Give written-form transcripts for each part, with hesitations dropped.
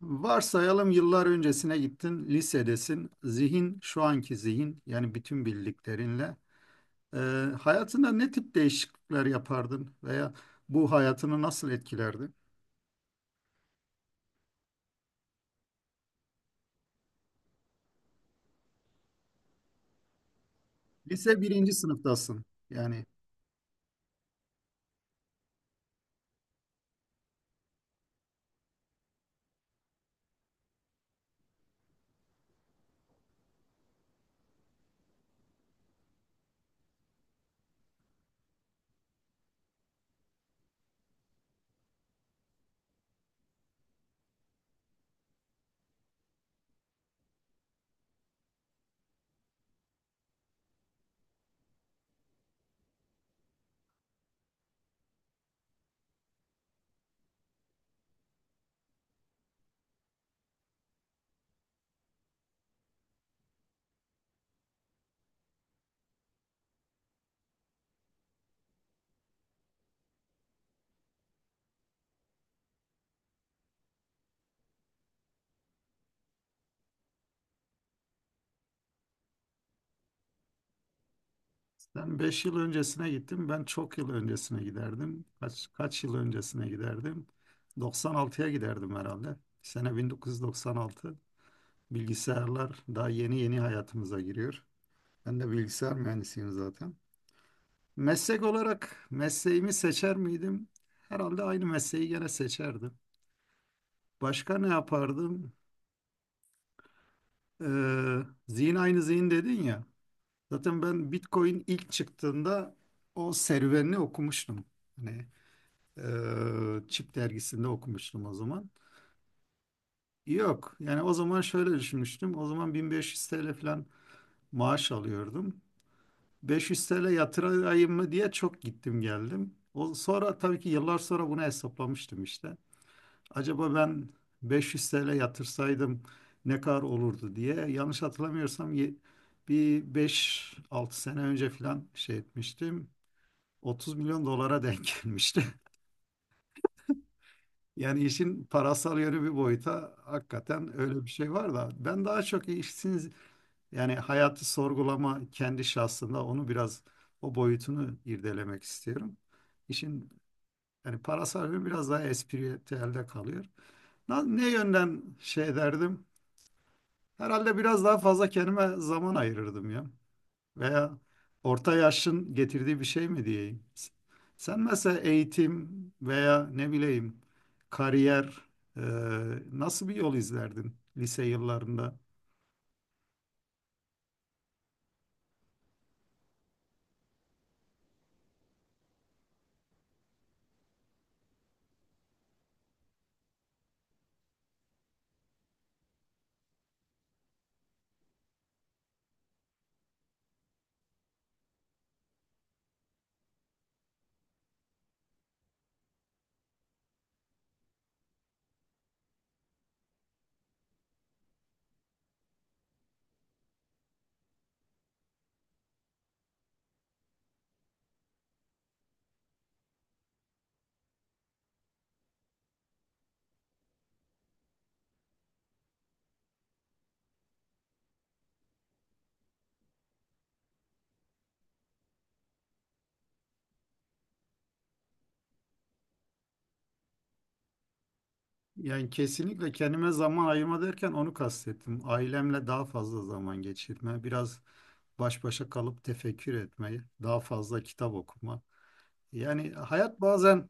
Varsayalım yıllar öncesine gittin, lisedesin. Zihin, şu anki zihin yani bütün bildiklerinle. e, Hayatında ne tip değişiklikler yapardın veya bu hayatını nasıl etkilerdi? Lise birinci sınıftasın. Yani sen beş yıl öncesine gittin, ben çok yıl öncesine giderdim. Kaç yıl öncesine giderdim? 96'ya giderdim herhalde. Sene 1996. Bilgisayarlar daha yeni yeni hayatımıza giriyor. Ben de bilgisayar mühendisiyim zaten. Meslek olarak mesleğimi seçer miydim? Herhalde aynı mesleği gene seçerdim. Başka ne yapardım? Zihin aynı zihin dedin ya. Zaten ben Bitcoin ilk çıktığında o serüvenini okumuştum. Hani Çip dergisinde okumuştum o zaman. Yok, yani o zaman şöyle düşünmüştüm. O zaman 1500 TL falan maaş alıyordum. 500 TL yatırayım mı diye çok gittim geldim. O, sonra tabii ki yıllar sonra bunu hesaplamıştım işte. Acaba ben 500 TL yatırsaydım ne kadar olurdu diye. Yanlış hatırlamıyorsam bir beş altı sene önce falan şey etmiştim. 30 milyon dolara denk gelmişti. Yani işin parasal yönü bir boyuta hakikaten öyle bir şey var da ben daha çok işsiz yani hayatı sorgulama kendi şahsında onu biraz o boyutunu irdelemek istiyorum. İşin yani parasal yönü biraz daha espritüelde kalıyor. Ne yönden şey derdim? Herhalde biraz daha fazla kendime zaman ayırırdım ya. Veya orta yaşın getirdiği bir şey mi diyeyim. Sen mesela eğitim veya ne bileyim kariyer, e, nasıl bir yol izlerdin lise yıllarında? Yani kesinlikle kendime zaman ayırma derken onu kastettim. Ailemle daha fazla zaman geçirme, biraz baş başa kalıp tefekkür etmeyi, daha fazla kitap okuma. Yani hayat bazen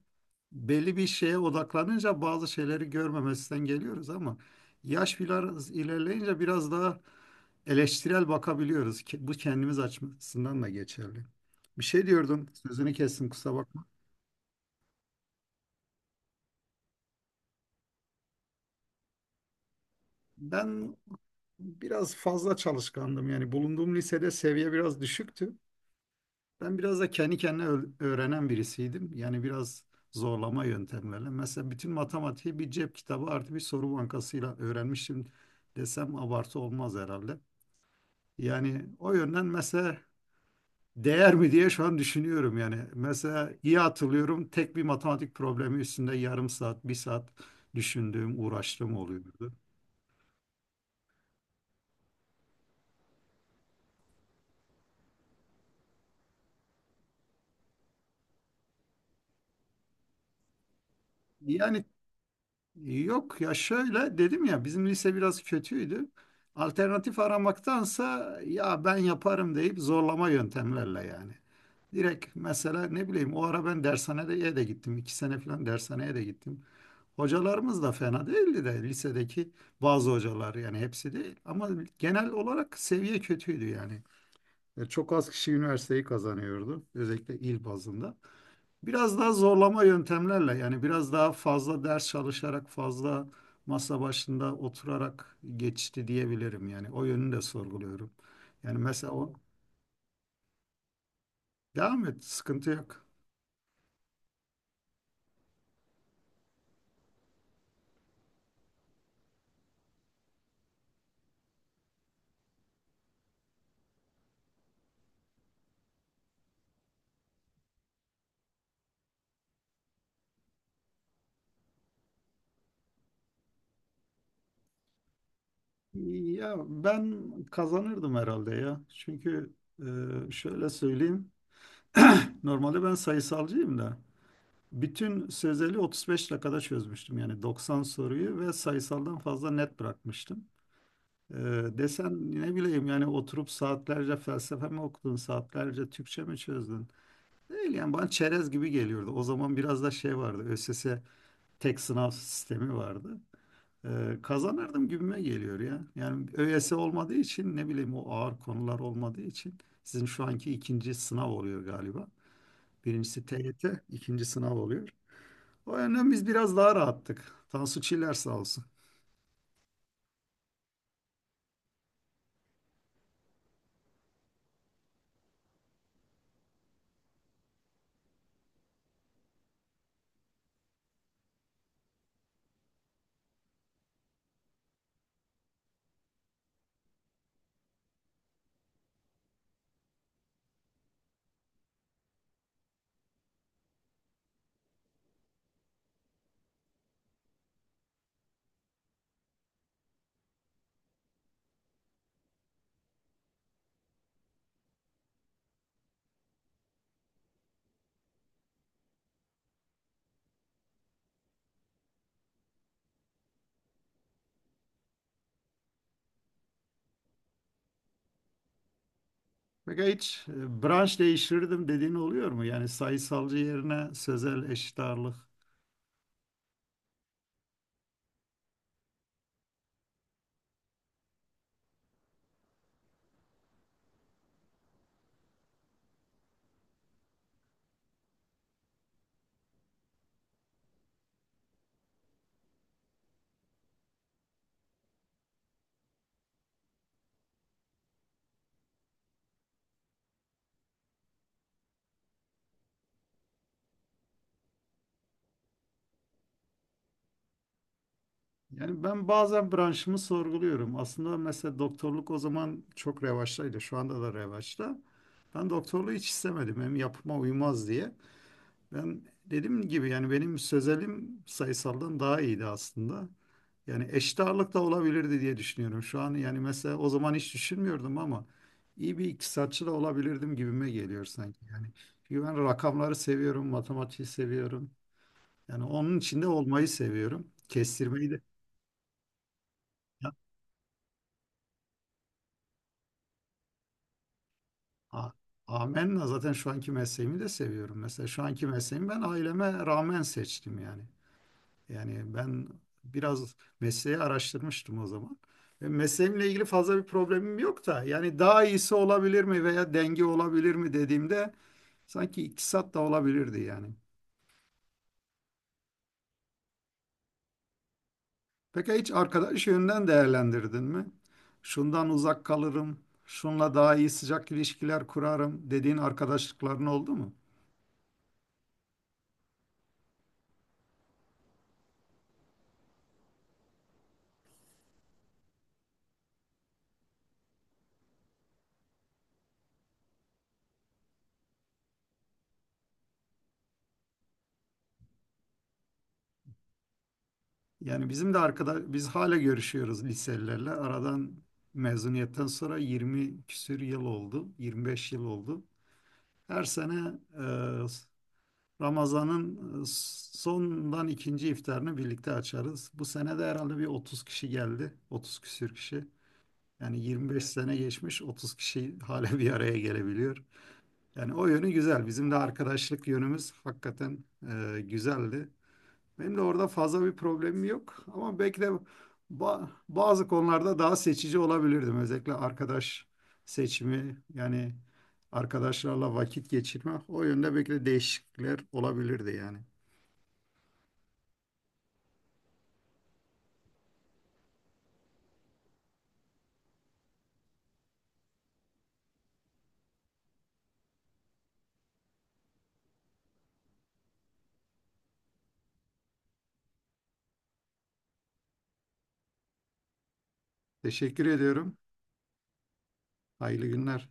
belli bir şeye odaklanınca bazı şeyleri görmemesinden geliyoruz ama yaş biraz ilerleyince biraz daha eleştirel bakabiliyoruz. Ki bu kendimiz açısından da geçerli. Bir şey diyordum, sözünü kestim, kusura bakma. Ben biraz fazla çalışkandım, yani bulunduğum lisede seviye biraz düşüktü. Ben biraz da kendi kendine öğrenen birisiydim. Yani biraz zorlama yöntemlerle. Mesela bütün matematiği bir cep kitabı artı bir soru bankasıyla öğrenmiştim desem abartı olmaz herhalde. Yani o yönden mesela değer mi diye şu an düşünüyorum yani. Mesela iyi hatırlıyorum, tek bir matematik problemi üstünde yarım saat, bir saat düşündüğüm, uğraştığım oluyordu. Yani yok ya, şöyle dedim ya, bizim lise biraz kötüydü. Alternatif aramaktansa ya ben yaparım deyip zorlama yöntemlerle yani. Direkt mesela ne bileyim o ara ben dershaneye de gittim. İki sene falan dershaneye de gittim. Hocalarımız da fena değildi de lisedeki bazı hocalar, yani hepsi değil. Ama genel olarak seviye kötüydü yani. Çok az kişi üniversiteyi kazanıyordu, özellikle il bazında. Biraz daha zorlama yöntemlerle yani biraz daha fazla ders çalışarak, fazla masa başında oturarak geçti diyebilirim yani. O yönünü de sorguluyorum. Yani mesela o, devam et, sıkıntı yok. Ya ben kazanırdım herhalde ya. Çünkü şöyle söyleyeyim. Normalde ben sayısalcıyım da bütün sözeli 35 dakikada çözmüştüm. Yani 90 soruyu ve sayısaldan fazla net bırakmıştım. Ee, Desen ne bileyim, yani oturup saatlerce felsefe mi okudun, saatlerce Türkçe mi çözdün? Değil yani, bana çerez gibi geliyordu. O zaman biraz da şey vardı, ÖSS tek sınav sistemi vardı. Kazanırdım gibime geliyor ya. Yani ÖSS olmadığı için, ne bileyim, o ağır konular olmadığı için sizin şu anki ikinci sınav oluyor galiba. Birincisi TYT, ikinci sınav oluyor. O yönden biz biraz daha rahattık. Tansu Çiller sağ olsun. Peki hiç branş değiştirdim dediğin oluyor mu? Yani sayısalcı yerine sözel, eşit ağırlık. Yani ben bazen branşımı sorguluyorum. Aslında mesela doktorluk o zaman çok revaçtaydı. Şu anda da revaçta. Ben doktorluğu hiç istemedim. Hem yapıma uymaz diye. Ben dediğim gibi, yani benim sözelim sayısaldan daha iyiydi aslında. Yani eşit ağırlık da olabilirdi diye düşünüyorum şu an. Yani mesela o zaman hiç düşünmüyordum ama iyi bir iktisatçı da olabilirdim gibime geliyor sanki. Yani çünkü ben rakamları seviyorum, matematiği seviyorum. Yani onun içinde olmayı seviyorum. Kestirmeyi de. Ya, a- amenna, zaten şu anki mesleğimi de seviyorum. Mesela şu anki mesleğimi ben aileme rağmen seçtim yani. Yani ben biraz mesleği araştırmıştım o zaman. Ve mesleğimle ilgili fazla bir problemim yok da yani daha iyisi olabilir mi veya denge olabilir mi dediğimde sanki iktisat da olabilirdi yani. Peki hiç arkadaş yönünden değerlendirdin mi? Şundan uzak kalırım, şunla daha iyi sıcak ilişkiler kurarım dediğin arkadaşlıkların oldu mu? Yani bizim de arkadaş, biz hala görüşüyoruz liselilerle. Aradan, mezuniyetten sonra 20 küsür yıl oldu, 25 yıl oldu. Her sene Ramazan'ın e, sondan ikinci iftarını birlikte açarız. Bu sene de herhalde bir 30 kişi geldi. 30 küsür kişi. Yani 25 sene geçmiş, 30 kişi hala bir araya gelebiliyor. Yani o yönü güzel. Bizim de arkadaşlık yönümüz hakikaten güzeldi. Benim de orada fazla bir problemim yok ama belki de bazı konularda daha seçici olabilirdim. Özellikle arkadaş seçimi, yani arkadaşlarla vakit geçirme, o yönde belki de değişiklikler olabilirdi yani. Teşekkür ediyorum. Hayırlı günler.